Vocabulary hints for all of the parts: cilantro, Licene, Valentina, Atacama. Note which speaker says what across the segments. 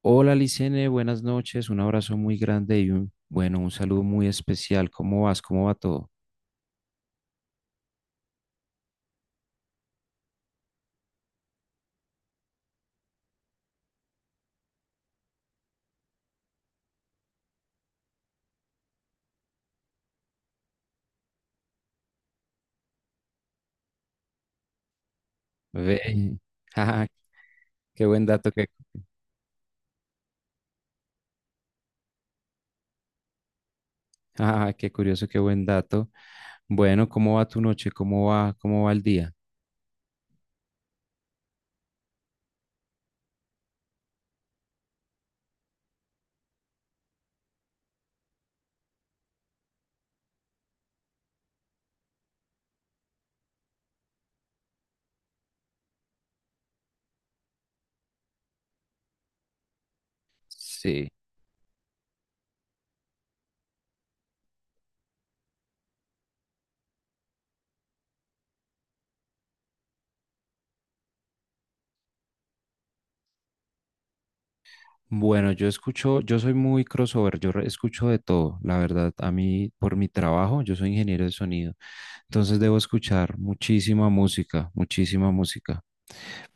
Speaker 1: Hola Licene, buenas noches, un abrazo muy grande y un saludo muy especial. ¿Cómo vas? ¿Cómo va todo? Ve, jaja, qué buen dato, qué, jaja, qué curioso, qué buen dato. Bueno, ¿cómo va tu noche? Cómo va el día? Sí. Bueno, yo escucho, yo soy muy crossover, escucho de todo, la verdad. A mí, por mi trabajo, yo soy ingeniero de sonido, entonces debo escuchar muchísima música,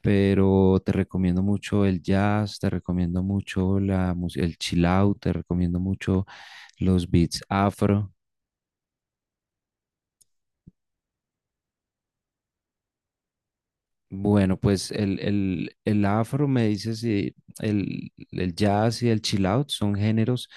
Speaker 1: Pero te recomiendo mucho el jazz, te recomiendo mucho el chill out, te recomiendo mucho los beats afro. Bueno, pues el afro, me dices, y el jazz y el chill out son géneros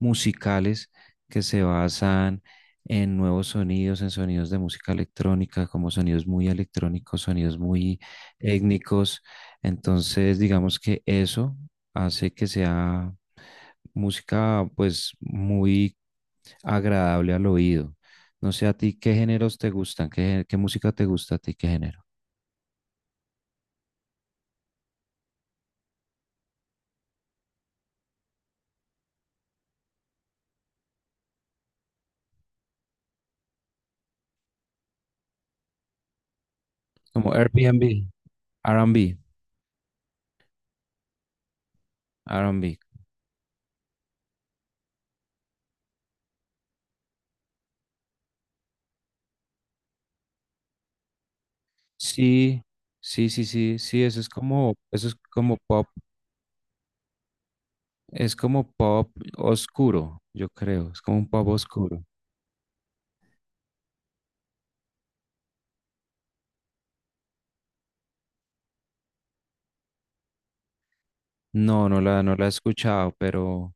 Speaker 1: musicales que se basan en nuevos sonidos, en sonidos de música electrónica, como sonidos muy electrónicos, sonidos muy étnicos. Entonces, digamos que eso hace que sea música pues muy agradable al oído. No sé a ti qué géneros te gustan, qué, qué música te gusta a ti, qué género. Como Airbnb. R&B, R&B. Sí, sí, sí, sí, sí, eso es como pop oscuro, yo creo, es como un pop oscuro. No, no la he escuchado, pero,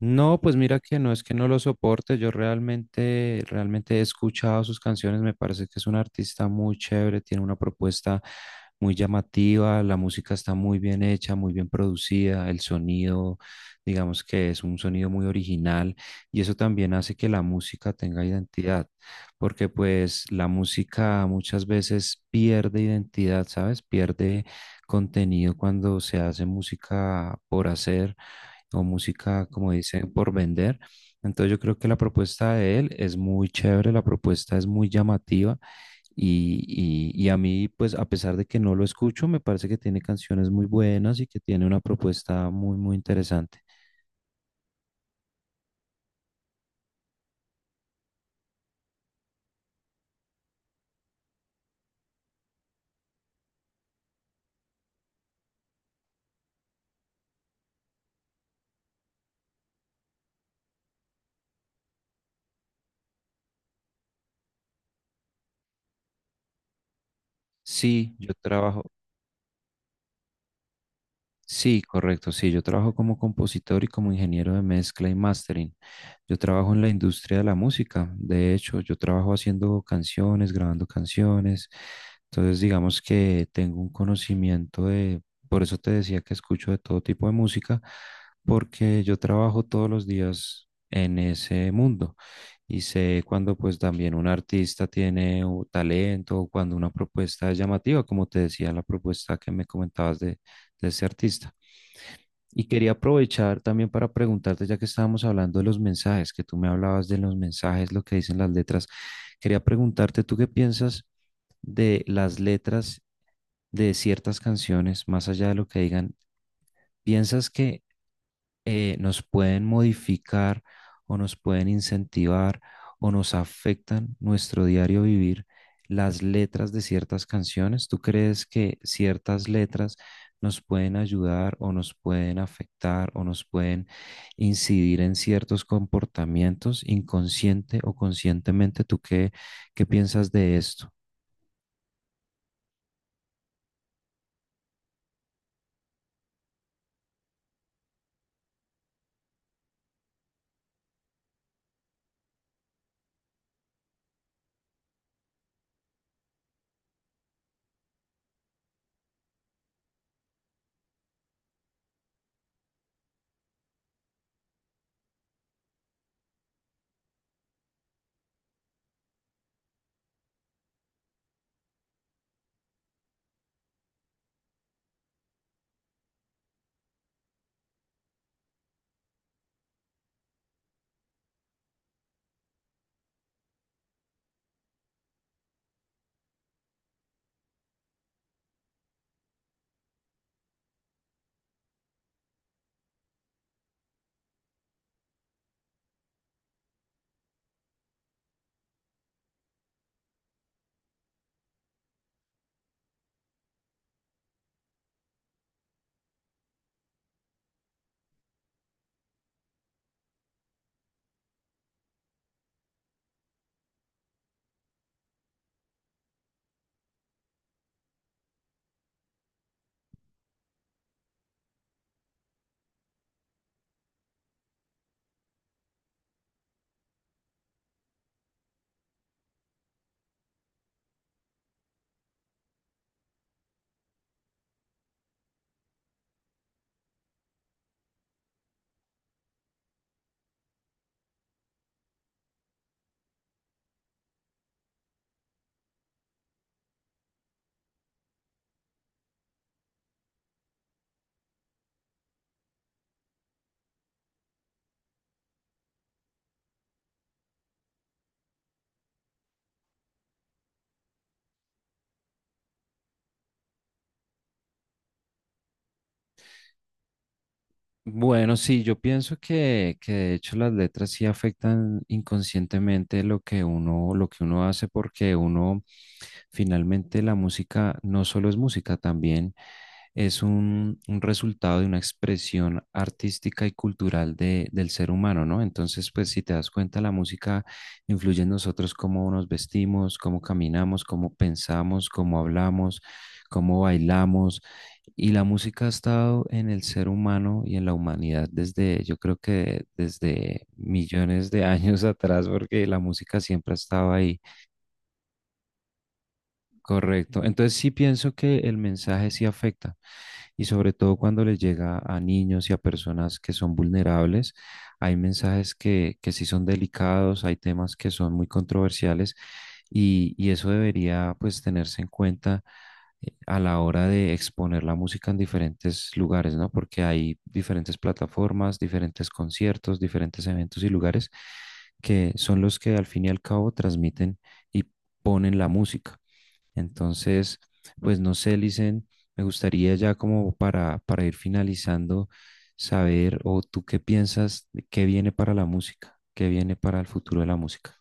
Speaker 1: no, pues mira que no es que no lo soporte. Yo realmente, realmente he escuchado sus canciones, me parece que es un artista muy chévere, tiene una propuesta muy llamativa, la música está muy bien hecha, muy bien producida. El sonido, digamos que es un sonido muy original, y eso también hace que la música tenga identidad, porque pues la música muchas veces pierde identidad, ¿sabes? Pierde contenido cuando se hace música por hacer o música, como dicen, por vender. Entonces yo creo que la propuesta de él es muy chévere, la propuesta es muy llamativa y, y a mí, pues a pesar de que no lo escucho, me parece que tiene canciones muy buenas y que tiene una propuesta muy, muy interesante. Sí, yo trabajo, sí, correcto. Sí, yo trabajo como compositor y como ingeniero de mezcla y mastering. Yo trabajo en la industria de la música. De hecho, yo trabajo haciendo canciones, grabando canciones. Entonces, digamos que tengo un conocimiento de, por eso te decía que escucho de todo tipo de música, porque yo trabajo todos los días en ese mundo y sé cuando pues también un artista tiene un talento o cuando una propuesta es llamativa, como te decía la propuesta que me comentabas de ese artista. Y quería aprovechar también para preguntarte, ya que estábamos hablando de los mensajes, que tú me hablabas de los mensajes, lo que dicen las letras, quería preguntarte, ¿tú qué piensas de las letras de ciertas canciones, más allá de lo que digan? ¿Piensas que nos pueden modificar o nos pueden incentivar o nos afectan nuestro diario vivir las letras de ciertas canciones? ¿Tú crees que ciertas letras nos pueden ayudar o nos pueden afectar o nos pueden incidir en ciertos comportamientos inconsciente o conscientemente? ¿Tú qué, qué piensas de esto? Bueno, sí, yo pienso que de hecho las letras sí afectan inconscientemente lo que uno hace, porque uno finalmente, la música no solo es música, también es un resultado de una expresión artística y cultural del ser humano, ¿no? Entonces, pues si te das cuenta, la música influye en nosotros, cómo nos vestimos, cómo caminamos, cómo pensamos, cómo hablamos, cómo bailamos. Y la música ha estado en el ser humano y en la humanidad desde, yo creo que desde millones de años atrás, porque la música siempre ha estado ahí, correcto. Entonces sí pienso que el mensaje sí afecta, y sobre todo cuando les llega a niños y a personas que son vulnerables, hay mensajes que sí son delicados, hay temas que son muy controversiales, y eso debería pues tenerse en cuenta a la hora de exponer la música en diferentes lugares, ¿no? Porque hay diferentes plataformas, diferentes conciertos, diferentes eventos y lugares que son los que al fin y al cabo transmiten y ponen la música. Entonces, pues no sé, Licen, me gustaría ya como para ir finalizando, saber, o tú qué piensas, de qué viene para la música, qué viene para el futuro de la música.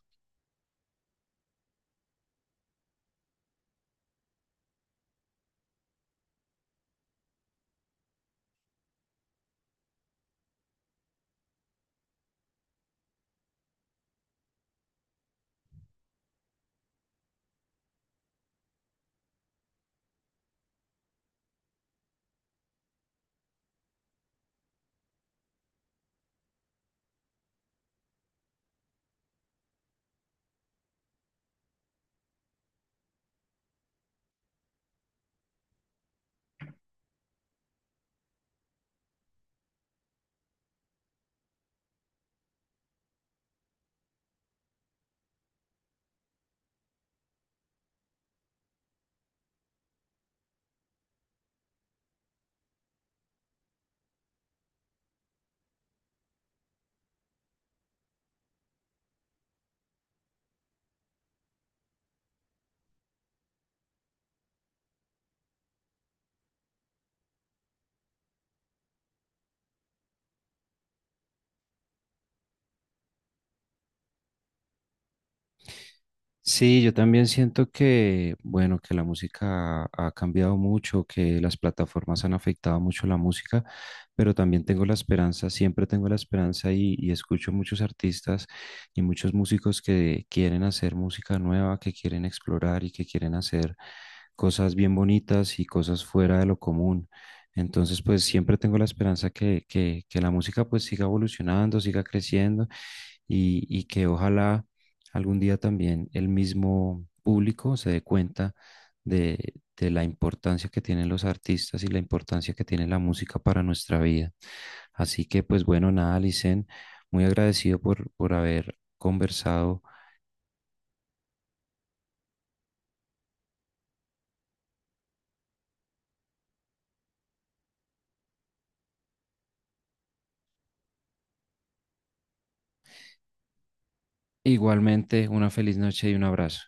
Speaker 1: Sí, yo también siento que, bueno, que la música ha cambiado mucho, que las plataformas han afectado mucho la música, pero también tengo la esperanza, siempre tengo la esperanza, y escucho muchos artistas y muchos músicos que quieren hacer música nueva, que quieren explorar y que quieren hacer cosas bien bonitas y cosas fuera de lo común. Entonces, pues siempre tengo la esperanza que, que la música pues siga evolucionando, siga creciendo, y que ojalá algún día también el mismo público se dé cuenta de la importancia que tienen los artistas y la importancia que tiene la música para nuestra vida. Así que, pues bueno, nada, Licen, muy agradecido por haber conversado. Igualmente, una feliz noche y un abrazo.